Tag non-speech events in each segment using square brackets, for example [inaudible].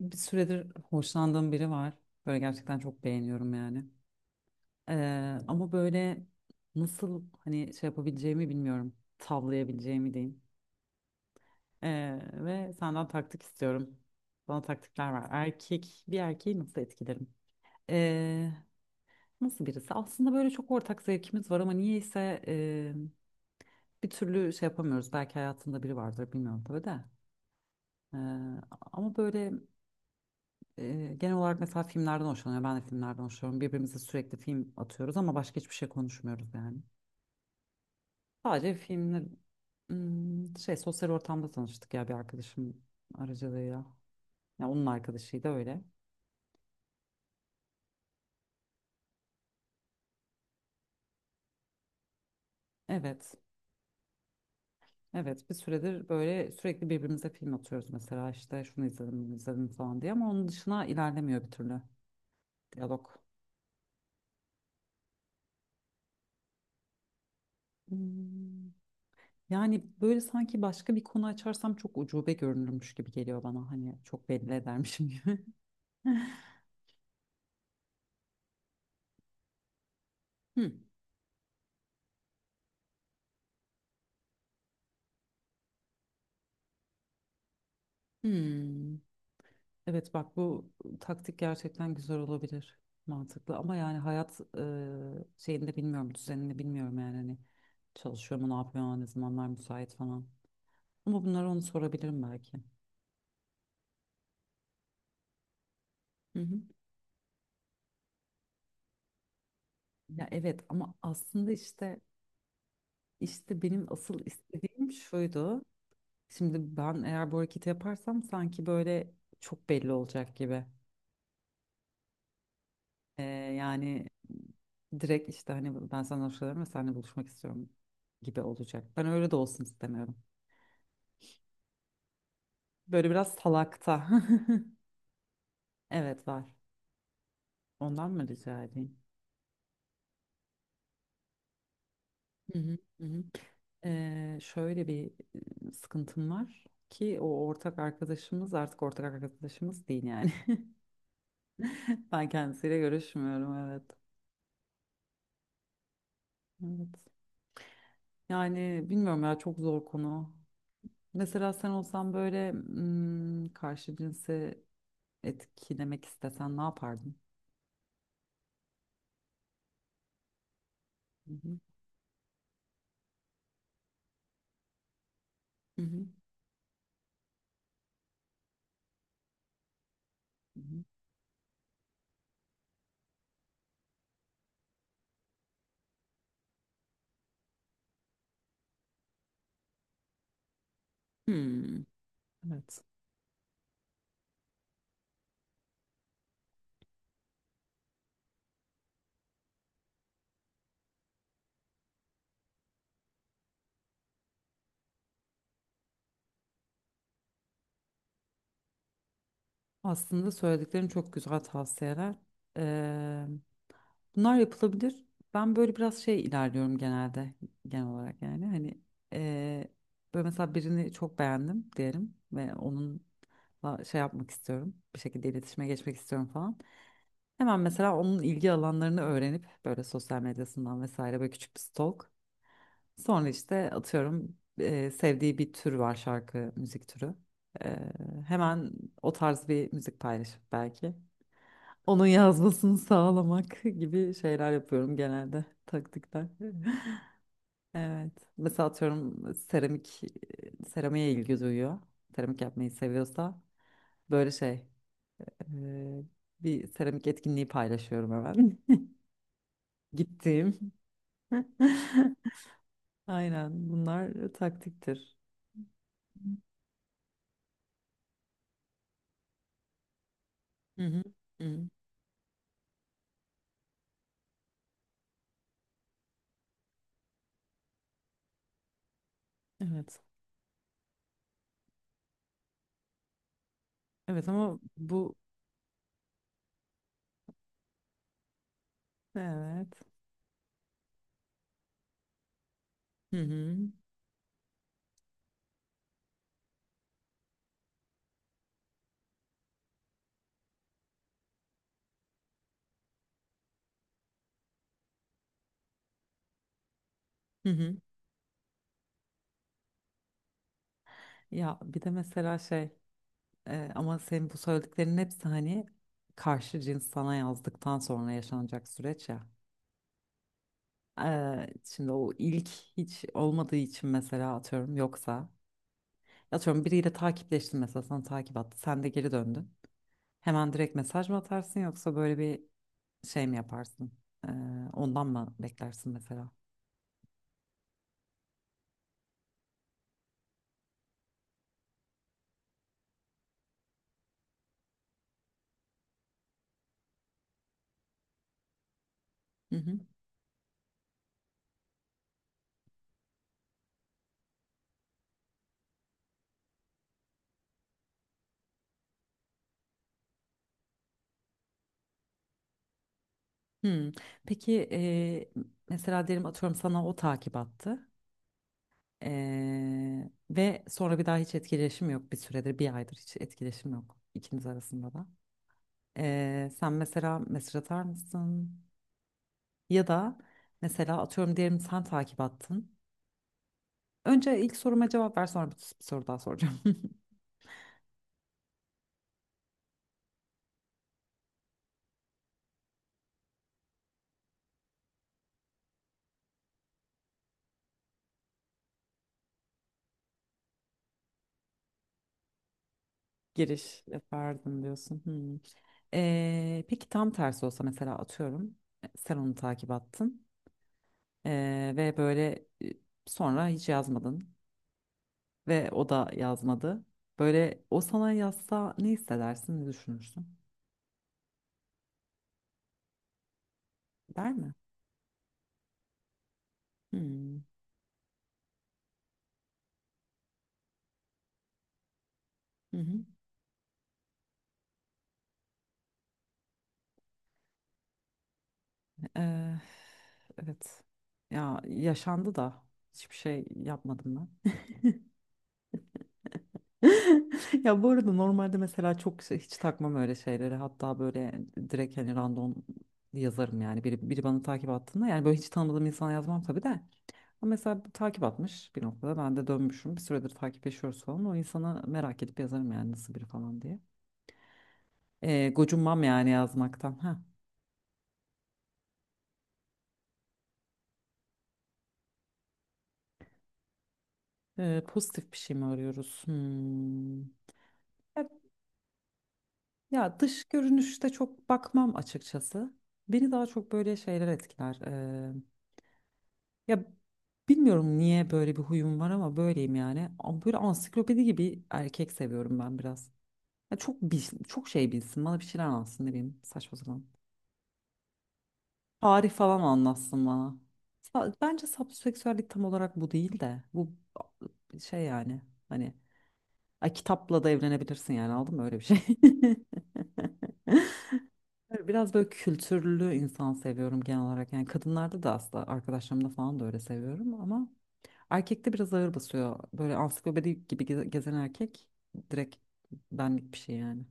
Bir süredir hoşlandığım biri var. Böyle gerçekten çok beğeniyorum yani. Ama böyle nasıl hani şey yapabileceğimi bilmiyorum. Tavlayabileceğimi diyeyim. Ve senden taktik istiyorum. Bana taktikler var. Bir erkeği nasıl etkilerim? Ee, nasıl birisi? Aslında böyle çok ortak zevkimiz var ama niyeyse bir türlü şey yapamıyoruz. Belki hayatında biri vardır bilmiyorum tabii de. Ee, ama böyle genel olarak mesela filmlerden hoşlanıyor. Ben de filmlerden hoşlanıyorum. Birbirimize sürekli film atıyoruz ama başka hiçbir şey konuşmuyoruz yani. Sadece filmler şey sosyal ortamda tanıştık ya bir arkadaşım aracılığıyla. Ya onun arkadaşıydı öyle. Evet. Evet, bir süredir böyle sürekli birbirimize film atıyoruz mesela işte şunu izledim bunu izledim falan diye ama onun dışına ilerlemiyor bir türlü diyalog. Hmm, Yani böyle sanki başka bir konu açarsam çok ucube görünürmüş gibi geliyor bana hani çok belli edermişim gibi. [laughs] Hı. Hmm. Evet, bak bu taktik gerçekten güzel olabilir. Mantıklı ama yani hayat şeyini de bilmiyorum, düzenini bilmiyorum yani hani çalışıyor mu, ne yapıyor, ne zamanlar müsait falan. Ama bunları onu sorabilirim belki. Hı hı. Ya evet ama aslında işte benim asıl istediğim şuydu. Şimdi ben eğer bu hareketi yaparsam sanki böyle çok belli olacak gibi. Ee, yani direkt işte hani ben sana hoşlanıyorum ve seninle buluşmak istiyorum gibi olacak. Ben öyle de olsun istemiyorum. Böyle biraz salakta. [laughs] Evet var. Ondan mı rica edeyim? Hı hı, hı hı. Şöyle bir sıkıntım var ki o ortak arkadaşımız artık ortak arkadaşımız değil yani. [laughs] Ben kendisiyle görüşmüyorum, evet. Evet. Yani bilmiyorum ya, çok zor konu. Mesela sen olsan böyle karşı cinse etkilemek istesen ne yapardın? Hı hı, hı hı. Hı hı. Hmm. Evet. Aslında söylediklerin çok güzel tavsiyeler. Eee, bunlar yapılabilir. Ben böyle biraz şey ilerliyorum genelde, genel olarak yani. Hani eee böyle mesela birini çok beğendim diyelim ve onunla şey yapmak istiyorum. Bir şekilde iletişime geçmek istiyorum falan. Hemen mesela onun ilgi alanlarını öğrenip böyle sosyal medyasından vesaire böyle küçük bir stalk. Sonra işte atıyorum sevdiği bir tür var, şarkı, müzik türü. E, hemen o tarz bir müzik paylaşıp belki. Onun yazmasını [laughs] sağlamak gibi şeyler yapıyorum genelde, taktikler. [laughs] Evet. Mesela atıyorum seramiğe ilgi duyuyor. Seramik yapmayı seviyorsa böyle şey e, bir seramik etkinliği paylaşıyorum hemen. [laughs] Gittiğim. [laughs] Aynen, bunlar taktiktir. Hı hı. Hı. Evet. Evet ama bu, evet. Hı hı. Hı hı. Ya bir de mesela şey ama senin bu söylediklerinin hepsi hani karşı cins sana yazdıktan sonra yaşanacak süreç ya. Şimdi o ilk hiç olmadığı için mesela atıyorum, yoksa atıyorum biriyle takipleştin, mesela sana takip attı, sen de geri döndün. Hemen direkt mesaj mı atarsın yoksa böyle bir şey mi yaparsın? Ondan mı beklersin mesela? Hmm. Peki mesela derim atıyorum sana o takip attı. Ve sonra bir daha hiç etkileşim yok, bir süredir, bir aydır hiç etkileşim yok ikiniz arasında da. Sen mesela mesaj atar mısın? Ya da mesela atıyorum diyelim sen takip attın. Önce ilk soruma cevap ver, sonra bir soru daha soracağım. [laughs] Giriş yapardım diyorsun. Hmm. Peki tam tersi olsa mesela atıyorum sen onu takip attın. Ve böyle sonra hiç yazmadın ve o da yazmadı. Böyle o sana yazsa ne hissedersin, ne düşünürsün? Der mi? Hmm. Hı hı. Ee, evet. Ya yaşandı da hiçbir şey yapmadım ben. [laughs] Ya bu arada normalde mesela hiç takmam öyle şeyleri. Hatta böyle direkt hani random yazarım yani. Biri bana takip attığında, yani böyle hiç tanımadığım insana yazmam tabii de. Ama mesela takip atmış bir noktada. Ben de dönmüşüm. Bir süredir takipleşiyoruz falan. O insana merak edip yazarım yani, nasıl biri falan diye. Gocunmam yani yazmaktan. Ha. Pozitif bir şey mi arıyoruz? Hmm. Ya, ya, dış görünüşte çok bakmam açıkçası. Beni daha çok böyle şeyler etkiler. Ya bilmiyorum niye böyle bir huyum var ama böyleyim yani. Ama böyle ansiklopedi gibi erkek seviyorum ben biraz. Ya çok bil, çok şey bilsin, bana bir şeyler anlatsın, ne bileyim, saçma sapan. Tarih falan anlatsın bana. Bence sapsöksüellik tam olarak bu değil de bu, şey yani, hani, ay, kitapla da evlenebilirsin yani, aldın mı öyle bir şey. [laughs] Böyle biraz böyle kültürlü insan seviyorum genel olarak. Yani kadınlarda da aslında, arkadaşlarımda falan da öyle seviyorum ama erkekte biraz ağır basıyor. Böyle ansiklopedi gibi gezen erkek direkt benlik bir şey yani.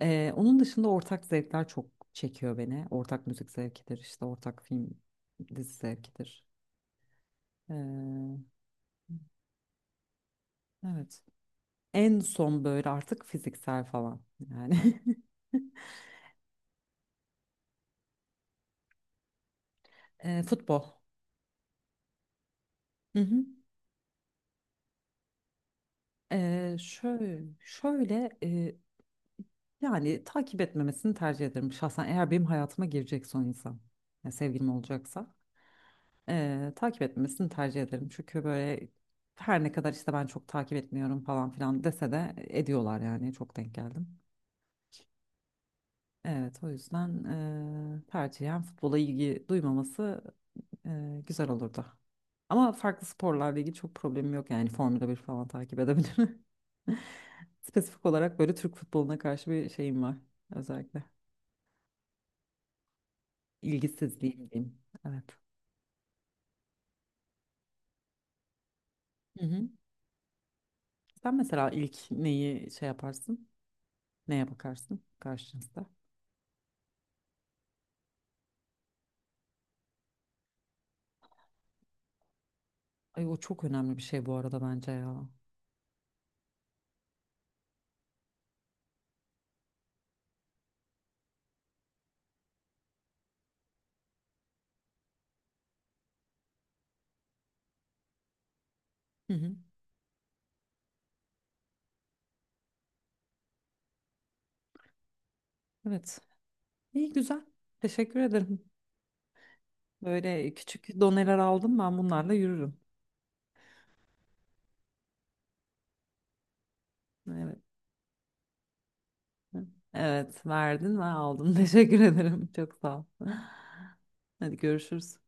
Onun dışında ortak zevkler çok çekiyor beni. Ortak müzik zevkidir, işte ortak film, dizi zevkidir. Ee, evet. En son böyle artık fiziksel falan yani. [laughs] Futbol. Hı hı. Şöyle, yani takip etmemesini tercih ederim şahsen. Eğer benim hayatıma girecek son insan, yani sevgilim olacaksa, takip etmemesini tercih ederim. Çünkü böyle her ne kadar işte ben çok takip etmiyorum falan filan dese de ediyorlar yani, çok denk geldim. Evet, o yüzden tercihen futbola ilgi duymaması güzel olurdu. Ama farklı sporlarla ilgili çok problemim yok yani, Formula 1 falan takip edebilirim. [laughs] Spesifik olarak böyle Türk futboluna karşı bir şeyim var özellikle. İlgisizliğim diyeyim. Evet. Hı hı. Sen mesela ilk neyi şey yaparsın? Neye bakarsın karşınızda? Ay, o çok önemli bir şey bu arada bence ya. Hı hı. Evet. İyi, güzel. Teşekkür ederim. Böyle küçük doneler aldım, ben bunlarla yürürüm. Evet. Evet, verdin ve aldım. [laughs] Teşekkür ederim. Çok sağ ol. Hadi, görüşürüz.